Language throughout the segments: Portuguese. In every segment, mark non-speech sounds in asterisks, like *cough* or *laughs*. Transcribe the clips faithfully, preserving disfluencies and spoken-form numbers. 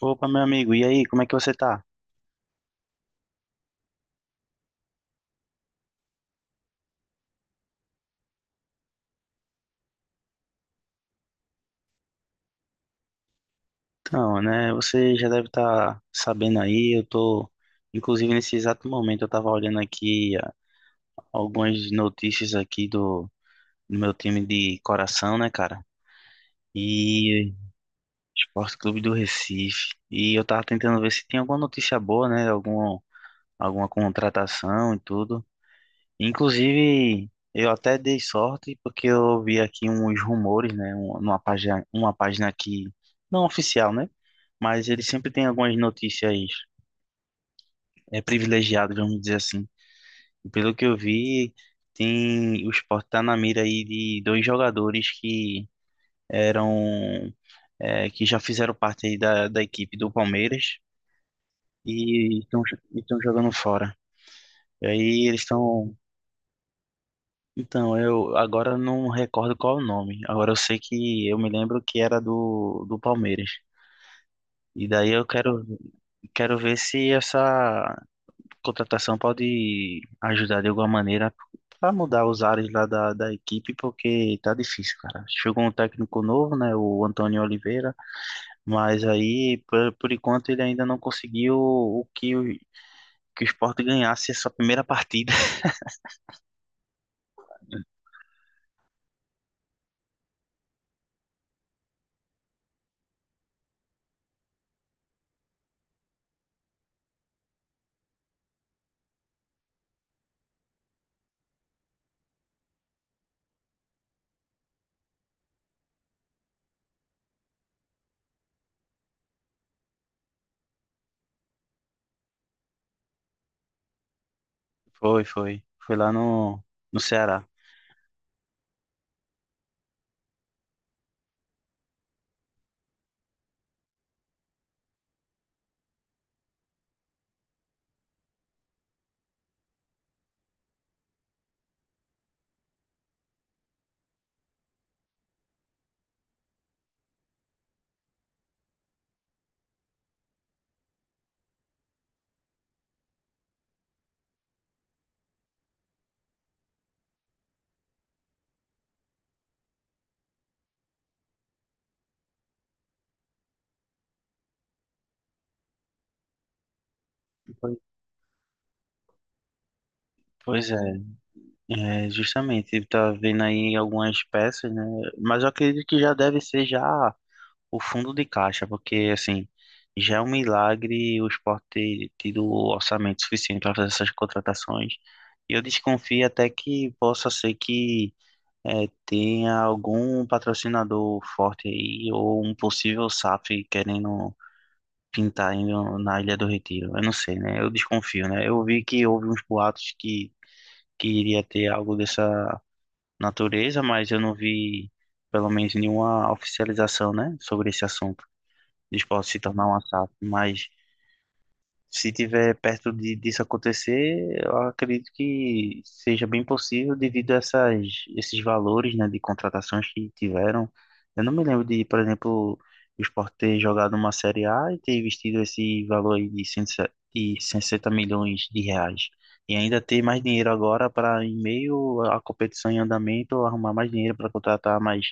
Opa, meu amigo, e aí, como é que você tá? Então, né, você já deve estar sabendo aí, eu tô, inclusive nesse exato momento, eu tava olhando aqui ah, algumas notícias aqui do, do meu time de coração, né, cara? E Esporte Clube do Recife. E eu tava tentando ver se tinha alguma notícia boa, né, algum, alguma contratação e tudo. Inclusive, eu até dei sorte porque eu vi aqui uns rumores, né? um- Numa página, uma página que não oficial, né? Mas ele sempre tem algumas notícias é, privilegiadas, vamos dizer assim. E pelo que eu vi, tem o Sport tá na mira aí de dois jogadores que eram é, que já fizeram parte aí da, da equipe do Palmeiras e estão jogando fora. E aí eles estão Então, eu agora não recordo qual é o nome. Agora eu sei que eu me lembro que era do, do Palmeiras. E daí eu quero, quero ver se essa contratação pode ajudar de alguma maneira para mudar os ares lá da, da equipe, porque tá difícil, cara. Chegou um técnico novo, né, o Antônio Oliveira, mas aí, por, por enquanto, ele ainda não conseguiu o que, o que o Sport ganhasse essa primeira partida. *laughs* Foi, foi. Foi lá no, no Ceará. Foi. Pois é. É, justamente, tá vendo aí algumas peças, né? Mas eu acredito que já deve ser já o fundo de caixa, porque assim, já é um milagre o esporte ter tido o orçamento suficiente para fazer essas contratações. E eu desconfio até que possa ser que é, tenha algum patrocinador forte aí, ou um possível S A F querendo pintar aí no- na Ilha do Retiro. Eu não sei, né? Eu desconfio, né? Eu vi que houve uns boatos que que iria ter algo dessa natureza, mas eu não vi, pelo menos, nenhuma oficialização, né, sobre esse assunto, de esporte se tornar uma S A F. Mas se tiver perto de, disso acontecer, eu acredito que seja bem possível devido a essas, esses valores, né, de contratações que tiveram. Eu não me lembro de, por exemplo, o Sport ter jogado uma Série A e ter investido esse valor aí de 160 milhões de reais. E ainda ter mais dinheiro agora para, em meio à competição em andamento, arrumar mais dinheiro para contratar mais,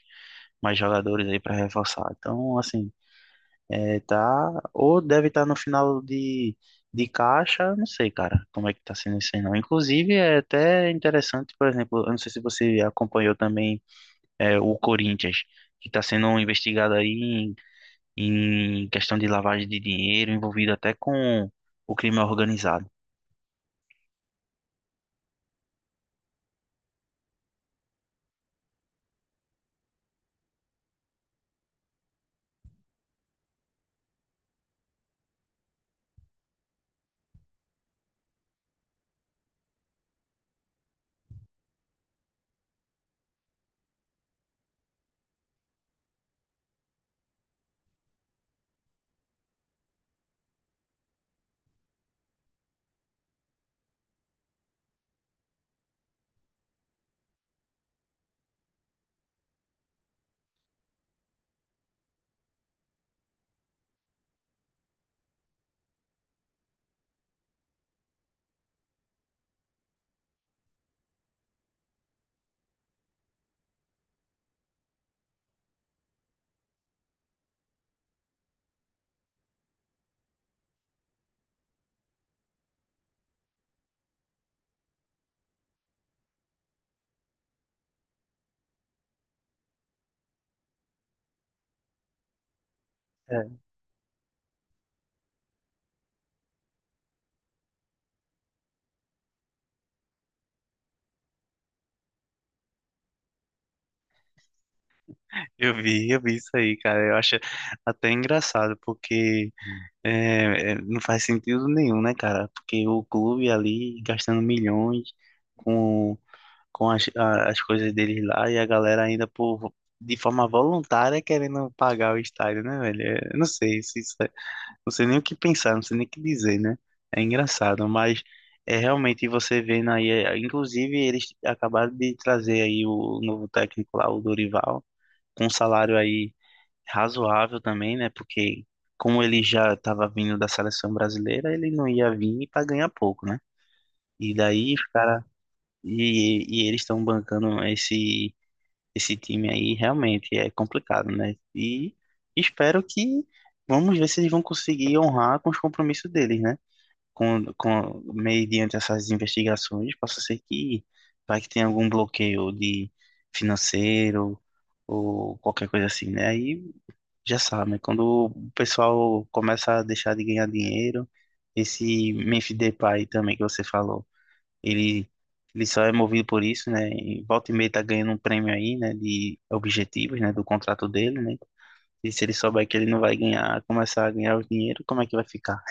mais jogadores aí para reforçar. Então, assim, é, tá, ou deve estar no final de, de caixa, não sei, cara, como é que tá sendo isso aí, não. Inclusive, é até interessante, por exemplo, eu não sei se você acompanhou também é, o Corinthians, que está sendo investigado aí em, em questão de lavagem de dinheiro, envolvido até com o crime organizado. É. Eu vi, eu vi isso aí, cara. Eu acho até engraçado, porque é, é, não faz sentido nenhum, né, cara? Porque o clube ali gastando milhões com com as, a- as coisas deles lá e a galera ainda por de forma voluntária querendo pagar o estádio, né, velho? É, eu não sei se isso é- não sei nem o que pensar, não sei nem o que dizer, né? É engraçado, mas é realmente você vendo aí, é, inclusive eles acabaram de trazer aí o novo técnico lá, o Dorival, com um salário aí razoável também, né? Porque como ele já estava vindo da seleção brasileira, ele não ia vir para ganhar pouco, né? E daí os caras e, e eles estão bancando esse esse time aí realmente é complicado, né? E espero que vamos ver se eles vão conseguir honrar com os compromissos deles, né? Com, com mediante essas investigações, possa ser que vai que tenha algum bloqueio de financeiro ou qualquer coisa assim, né? Aí já sabe, né? Quando o pessoal começa a deixar de ganhar dinheiro, esse Memphis Depay também que você falou ele, ele só é movido por isso, né? E volta e meia tá ganhando um prêmio aí, né? De objetivos, né? Do contrato dele, né? E se ele souber que ele não vai ganhar, começar a ganhar o dinheiro, como é que vai ficar?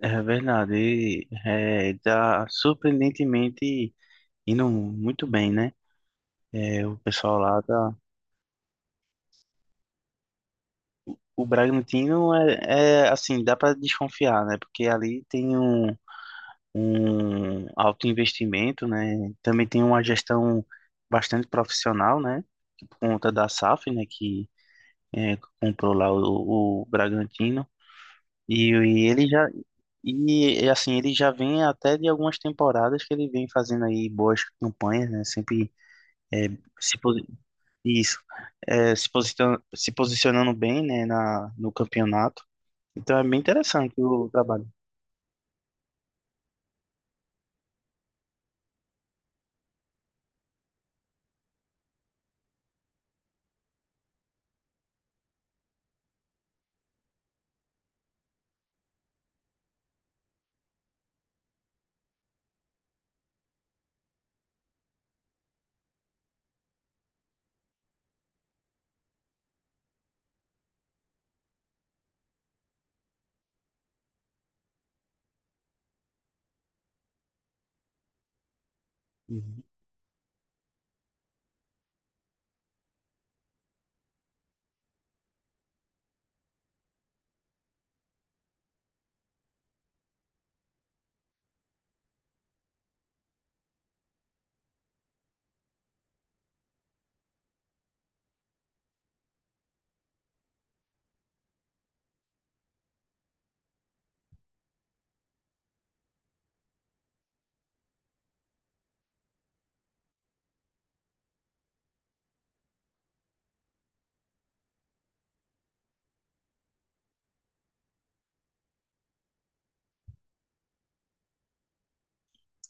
É verdade, ele é, tá surpreendentemente indo muito bem, né? É, o pessoal lá tá. O Bragantino é, é assim, dá para desconfiar, né? Porque ali tem um, um alto investimento, né? Também tem uma gestão bastante profissional, né? Por conta da S A F, né? Que é, comprou lá o, o Bragantino. E, e ele já. E assim, ele já vem até de algumas temporadas que ele vem fazendo aí boas campanhas, né? Sempre é, se, posi- isso, é, se, posicionando, se posicionando bem, né, na, no campeonato. Então é bem interessante o trabalho. Uhum.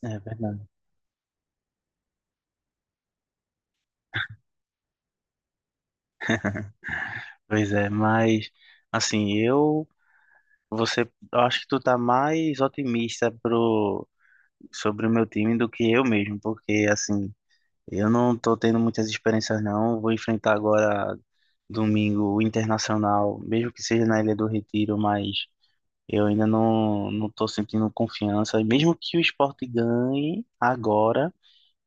É verdade. Pois é, mas assim, eu você eu acho que tu tá mais otimista pro sobre o meu time do que eu mesmo, porque assim, eu não tô tendo muitas experiências não, vou enfrentar agora domingo o Internacional, mesmo que seja na Ilha do Retiro, mas eu ainda não não tô sentindo confiança, e mesmo que o Sport ganhe agora,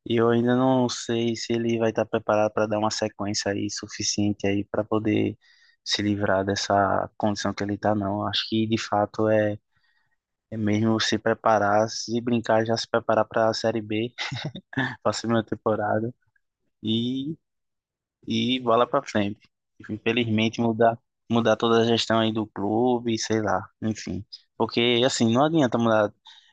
e eu ainda não sei se ele vai estar preparado para dar uma sequência aí suficiente aí para poder se livrar dessa condição que ele está, não. Acho que de fato é, é mesmo se preparar, se brincar, já se preparar para a Série B, *laughs* para a segunda temporada. E e bola pra frente. Infelizmente, mudar, mudar toda a gestão aí do clube, sei lá, enfim. Porque, assim, não adianta mudar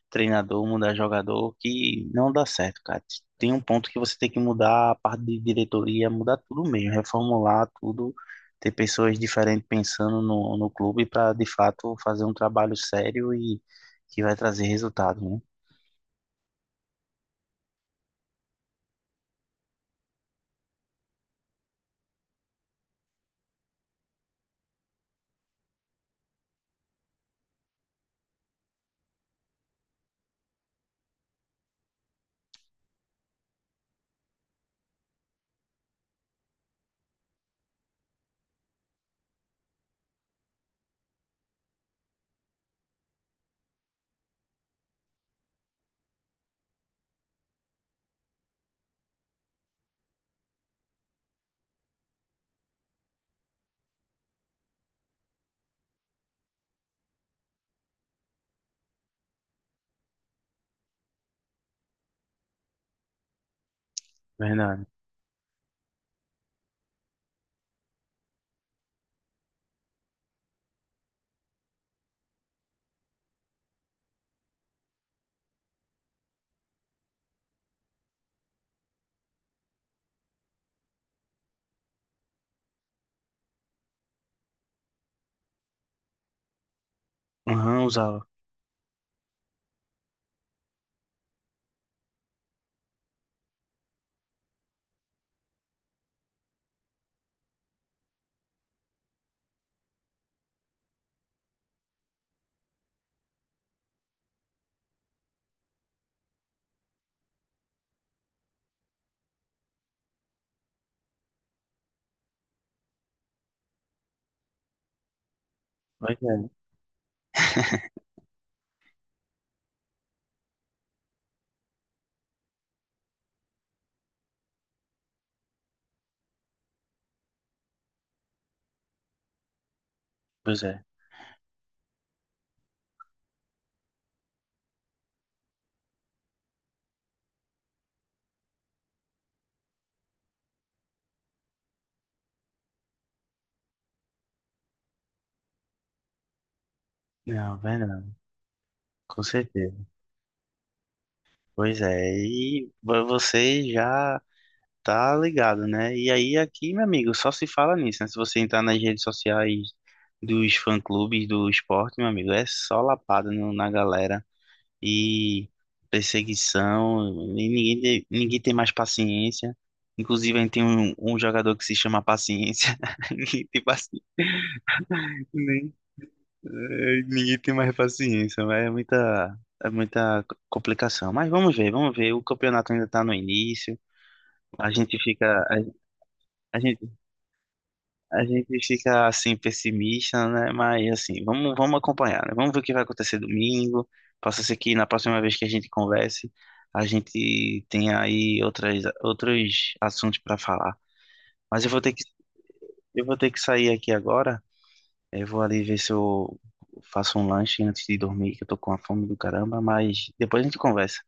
treinador, mudar jogador, que não dá certo, cara. Tem um ponto que você tem que mudar a parte de diretoria, mudar tudo mesmo, reformular tudo, ter pessoas diferentes pensando no, no clube para, de fato, fazer um trabalho sério e que vai trazer resultado, né? Verdade. Aham, usava. Pois é, pois é. Não, verdade, com certeza. Pois é, e vo- você já tá ligado, né? E aí aqui, meu amigo, só se fala nisso, né? Se você entrar nas redes sociais dos fã-clubes do esporte, meu amigo, é só lapada no- na galera e perseguição, e ninguém, te- ninguém tem mais paciência. Inclusive, aí tem um, um jogador que se chama Paciência. *laughs* Ninguém tem paciência, nem, eh, ninguém tem mais paciência, mas é muita, é muita complicação. Mas vamos ver, vamos ver. O campeonato ainda tá no início. A gente fica, a, a gente, a gente fica assim pessimista, né? Mas assim, vamos, vamos acompanhar, né? Vamos ver o que vai acontecer domingo. Possa ser que na próxima vez que a gente converse, a gente tenha aí outras, outros assuntos para falar. Mas eu vou ter que, eu vou ter que sair aqui agora. Eu vou ali ver se eu faço um lanche antes de dormir, que eu tô com a fome do caramba. Mas depois a gente conversa,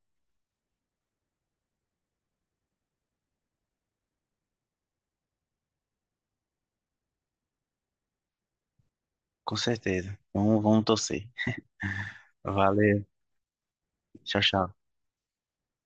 com certeza. Vamos, vamos torcer. Valeu, tchau, tchau.